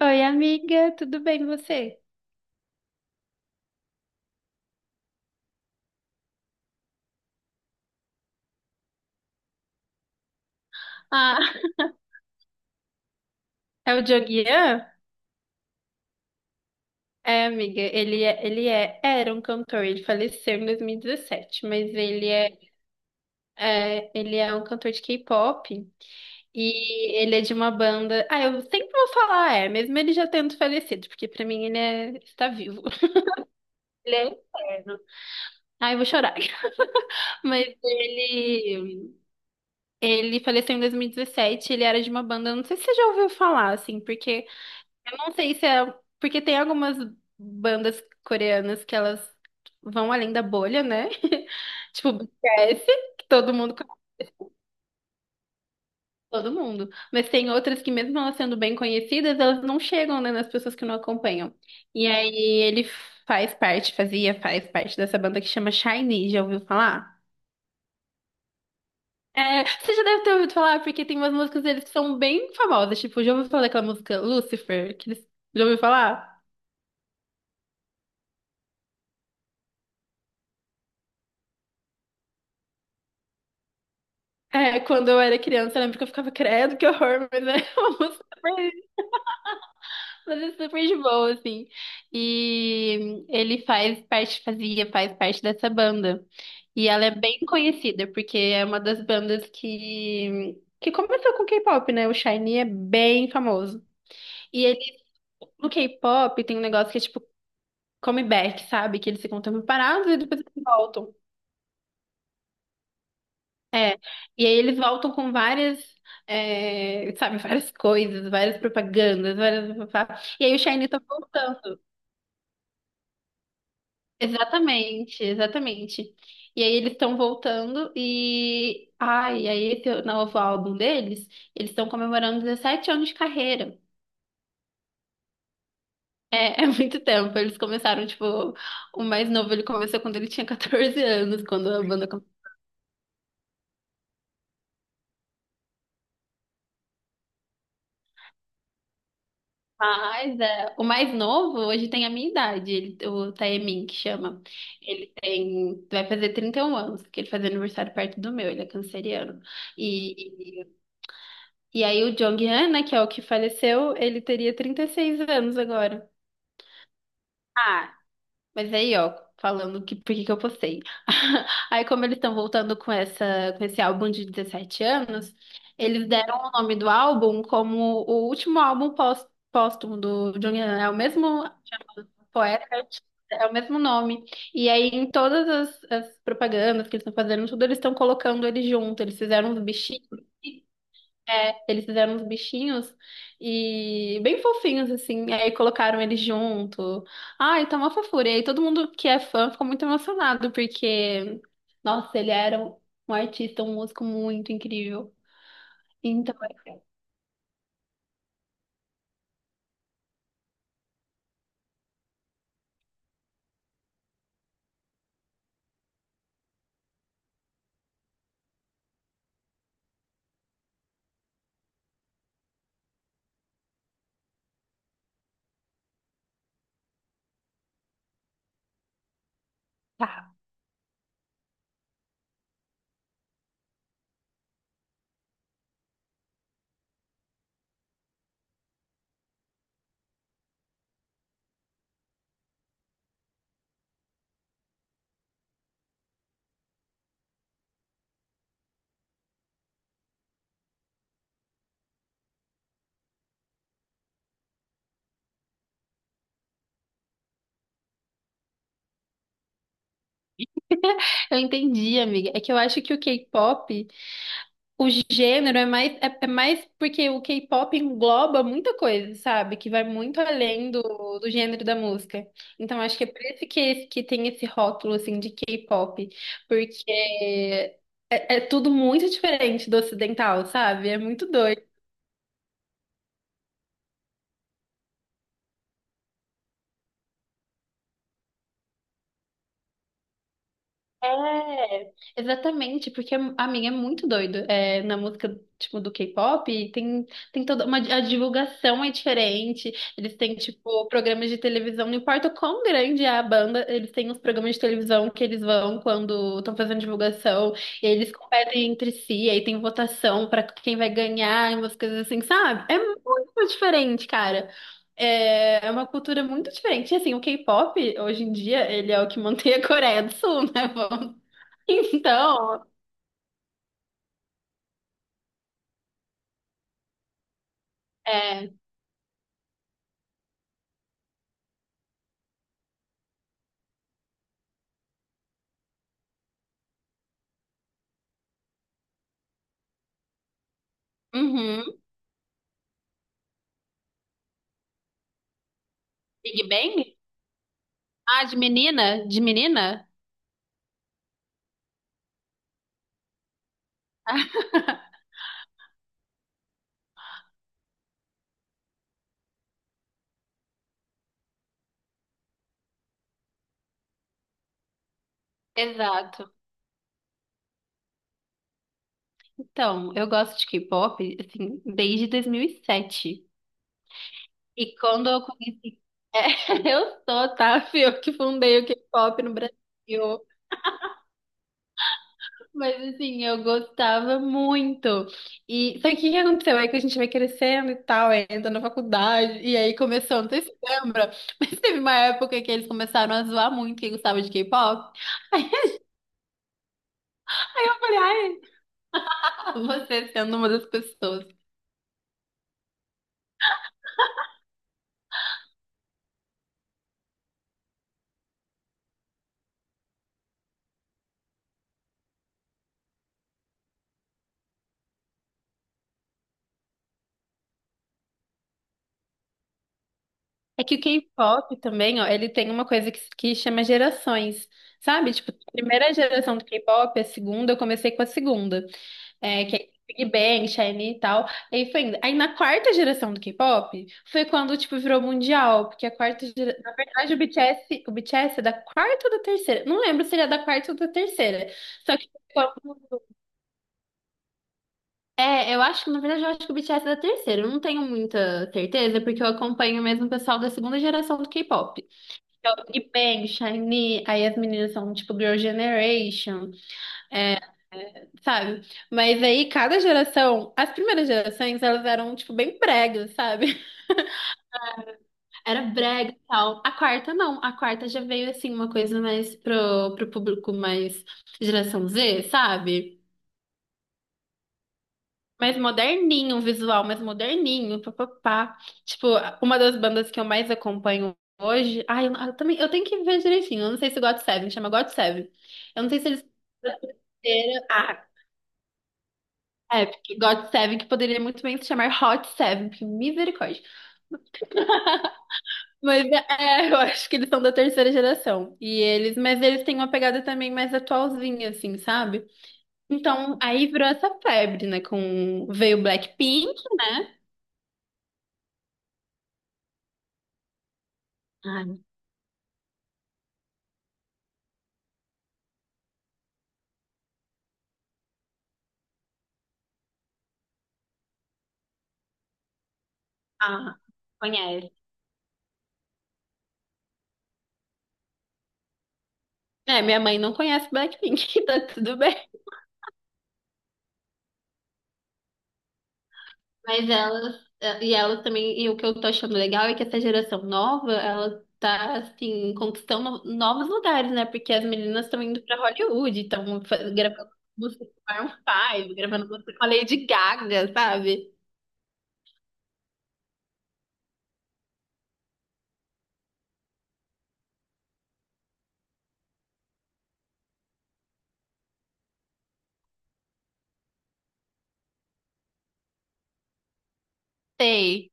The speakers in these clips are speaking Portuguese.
Oi, amiga, tudo bem você? Ah, É o Dioguian? É, amiga, era um cantor, ele faleceu em 2017, mas ele é um cantor de K-pop e ele é de uma banda. Ah, eu sempre vou falar é, mesmo ele já tendo falecido, porque pra mim está vivo. Ele é eterno. Ah, eu vou chorar. Mas ele faleceu em dois mil e dezessete. Ele era de uma banda, não sei se você já ouviu falar, assim, porque não sei se é. Porque tem algumas bandas coreanas que elas vão além da bolha, né? Tipo, BTS, que todo mundo conhece todo mundo. Mas tem outras que, mesmo elas sendo bem conhecidas, elas não chegam, né, nas pessoas que não acompanham. E aí ele faz parte, fazia, faz parte dessa banda que chama SHINee, já ouviu falar? É, você já deve ter ouvido falar, porque tem umas músicas deles que são bem famosas. Tipo, já ouviu falar daquela música Lucifer? Que eles... Já ouviu falar? É, quando eu era criança, eu lembro que eu ficava, credo, que horror, mas é uma música super, mas é super de boa, assim. E ele faz parte, fazia, faz parte dessa banda. E ela é bem conhecida, porque é uma das bandas que começou com K-pop, né? O Shiny é bem famoso. E ele, no K-pop, tem um negócio que é tipo comeback, sabe? Que eles ficam um tempo parados e depois eles voltam. E aí eles voltam com várias, é, sabe, várias coisas, várias propagandas, várias... E aí o Shiny tá voltando. Exatamente, exatamente. E aí eles estão voltando e... Ai, aí esse novo álbum deles, eles estão comemorando 17 anos de carreira. É, é muito tempo. Eles começaram, tipo, o mais novo ele começou quando ele tinha 14 anos, quando a banda... Mas é, o mais novo hoje tem a minha idade, ele- o Taemin, que chama. Ele tem, vai fazer 31 anos, porque ele faz aniversário perto do meu, ele é canceriano. E, e aí o Jonghyun, né, que é o que faleceu, ele teria 36 anos agora. Ah, mas aí, ó, falando que por que que eu postei. Aí, como eles estão voltando com essa, com, esse álbum de 17 anos, eles deram o nome do álbum como o último álbum póstumo do Jonghyun, né? É o mesmo Poeta e artista, é o mesmo nome. E aí, em todas as propagandas que eles estão fazendo, tudo eles estão colocando ele junto. Eles fizeram uns bichinhos, é, eles fizeram uns bichinhos e bem fofinhos, assim. E aí colocaram ele junto. Ai, tá uma fofura. E aí todo mundo que é fã ficou muito emocionado, porque, nossa, ele era um artista, um músico muito incrível. Então, é, tá. Eu entendi, amiga. É que eu acho que o K-pop... O gênero é mais, é mais porque o K-pop engloba muita coisa, sabe? Que vai muito além do gênero da música. Então, acho que é por isso esse- que tem esse rótulo, assim, de K-pop. Porque é tudo muito diferente do ocidental, sabe? É muito doido. É, exatamente, porque a minha é muito doido. É, na música, tipo, do K-pop, tem toda uma... A divulgação é diferente. Eles têm, tipo, programas de televisão. Não importa o quão grande é a banda, eles têm os programas de televisão que eles vão quando estão fazendo divulgação. E eles competem entre si, aí tem votação pra quem vai ganhar, e umas coisas assim, sabe? É muito diferente, cara. é uma cultura muito diferente. E, assim, o K-pop, hoje em dia, ele é o que mantém a Coreia do Sul, né? Então, é. Uhum. Big Bang? Ah, de menina? De menina? Exato. Então, eu gosto de K-pop, assim, desde 2007. E sete. E quando eu conheci... É, eu sou, tá? Fui eu que fundei o K-pop no Brasil. Mas, assim, eu gostava muito. E só que o que aconteceu? É que a gente vai crescendo e tal, aí entra na faculdade. E aí começou, não sei se você lembra, mas teve uma época que eles começaram a zoar muito quem gostava de K-pop. Você sendo uma das pessoas. É que o K-pop também, ó, ele tem uma coisa que chama gerações, sabe? Tipo, a primeira geração do K-pop, a segunda, eu comecei com a segunda, é, que é Big Bang, SHINee e tal. Aí foi indo. Aí na quarta geração do K-pop, foi quando, tipo, virou mundial, porque a quarta gera... Na verdade, o BTS é da quarta ou da terceira? Não lembro se ele é da quarta ou da terceira. Só que... É, eu acho que, na verdade, eu acho que o BTS é da terceira. Eu não tenho muita certeza, porque eu acompanho mesmo o pessoal da segunda geração do K-pop. Então, Big Bang, SHINee, aí as meninas são tipo Girl Generation, é, sabe? Mas aí, cada geração, as primeiras gerações, elas eram, tipo, bem bregas, sabe? Era brega e tal. A quarta, não. A quarta já veio, assim, uma coisa mais pro, público mais geração Z, sabe? Mais moderninho o visual, mais moderninho, papapá. Tipo, uma das bandas que eu mais acompanho hoje. Ai, eu também, eu tenho que ver direitinho. Eu não sei se God Seven chama God Seven. Eu não sei se eles... Ah, é, porque God Seven, que poderia muito bem se chamar Hot Seven, porque misericórdia. Mas é, eu acho que eles são da terceira geração. E eles, mas eles têm uma pegada também mais atualzinha, assim, sabe? Então, aí virou essa febre, né? Com, veio Blackpink, né? Ai, ah, conhece. É, minha mãe não conhece Blackpink, tá tudo bem. Mas elas, e elas também, e o que eu tô achando legal é que essa geração nova, ela tá, assim, conquistando novos lugares, né? Porque as meninas estão indo pra Hollywood, estão gravando música com Maroon 5, gravando música com a Lady Gaga, sabe? Sei.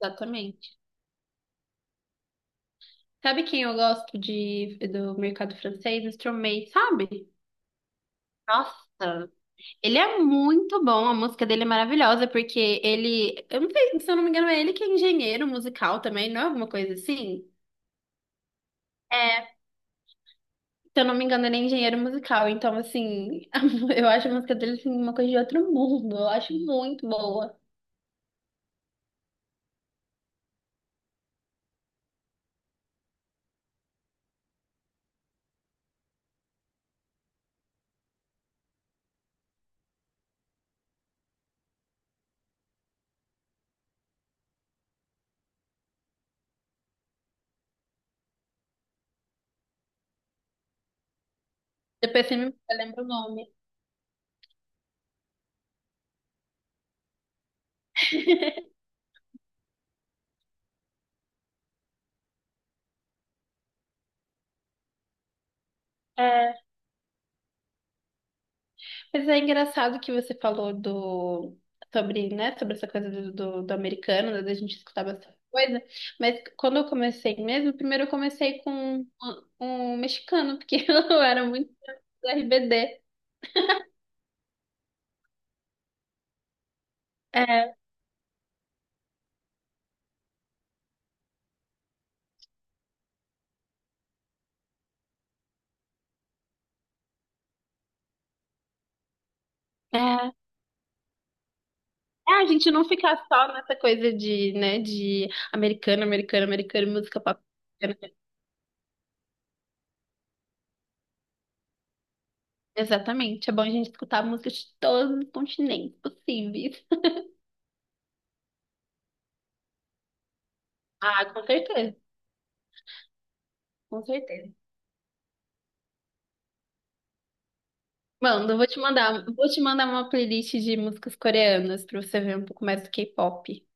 Exatamente. Sabe quem eu gosto de, do mercado francês? Stromae, sabe? Nossa! Ele é muito bom, a música dele é maravilhosa, porque ele, eu não sei, se eu não me engano, é ele que é engenheiro musical também, não é alguma coisa assim? É, se eu não me engano, ele é engenheiro musical, então assim, eu acho a música dele assim, uma coisa de outro mundo, eu acho muito boa. Depois você me lembra o nome. Mas é engraçado que você falou do sobre, né, sobre essa coisa do, do, americano, né, da gente escutar bastante coisa. Mas quando eu comecei mesmo, primeiro eu comecei com um mexicano, porque eu era muito do RBD. É, é, é, a gente não ficar só nessa coisa de, né, de americano, americano, americano, música pop. Exatamente, é bom a gente escutar músicas de todos os continentes possíveis. Ah, com certeza, com certeza. Manda, eu vou te mandar uma playlist de músicas coreanas pra você ver um pouco mais do K-pop.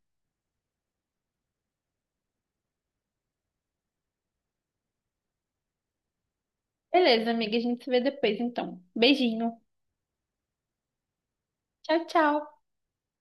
Beleza, amiga, a gente se vê depois então. Beijinho. Tchau, tchau.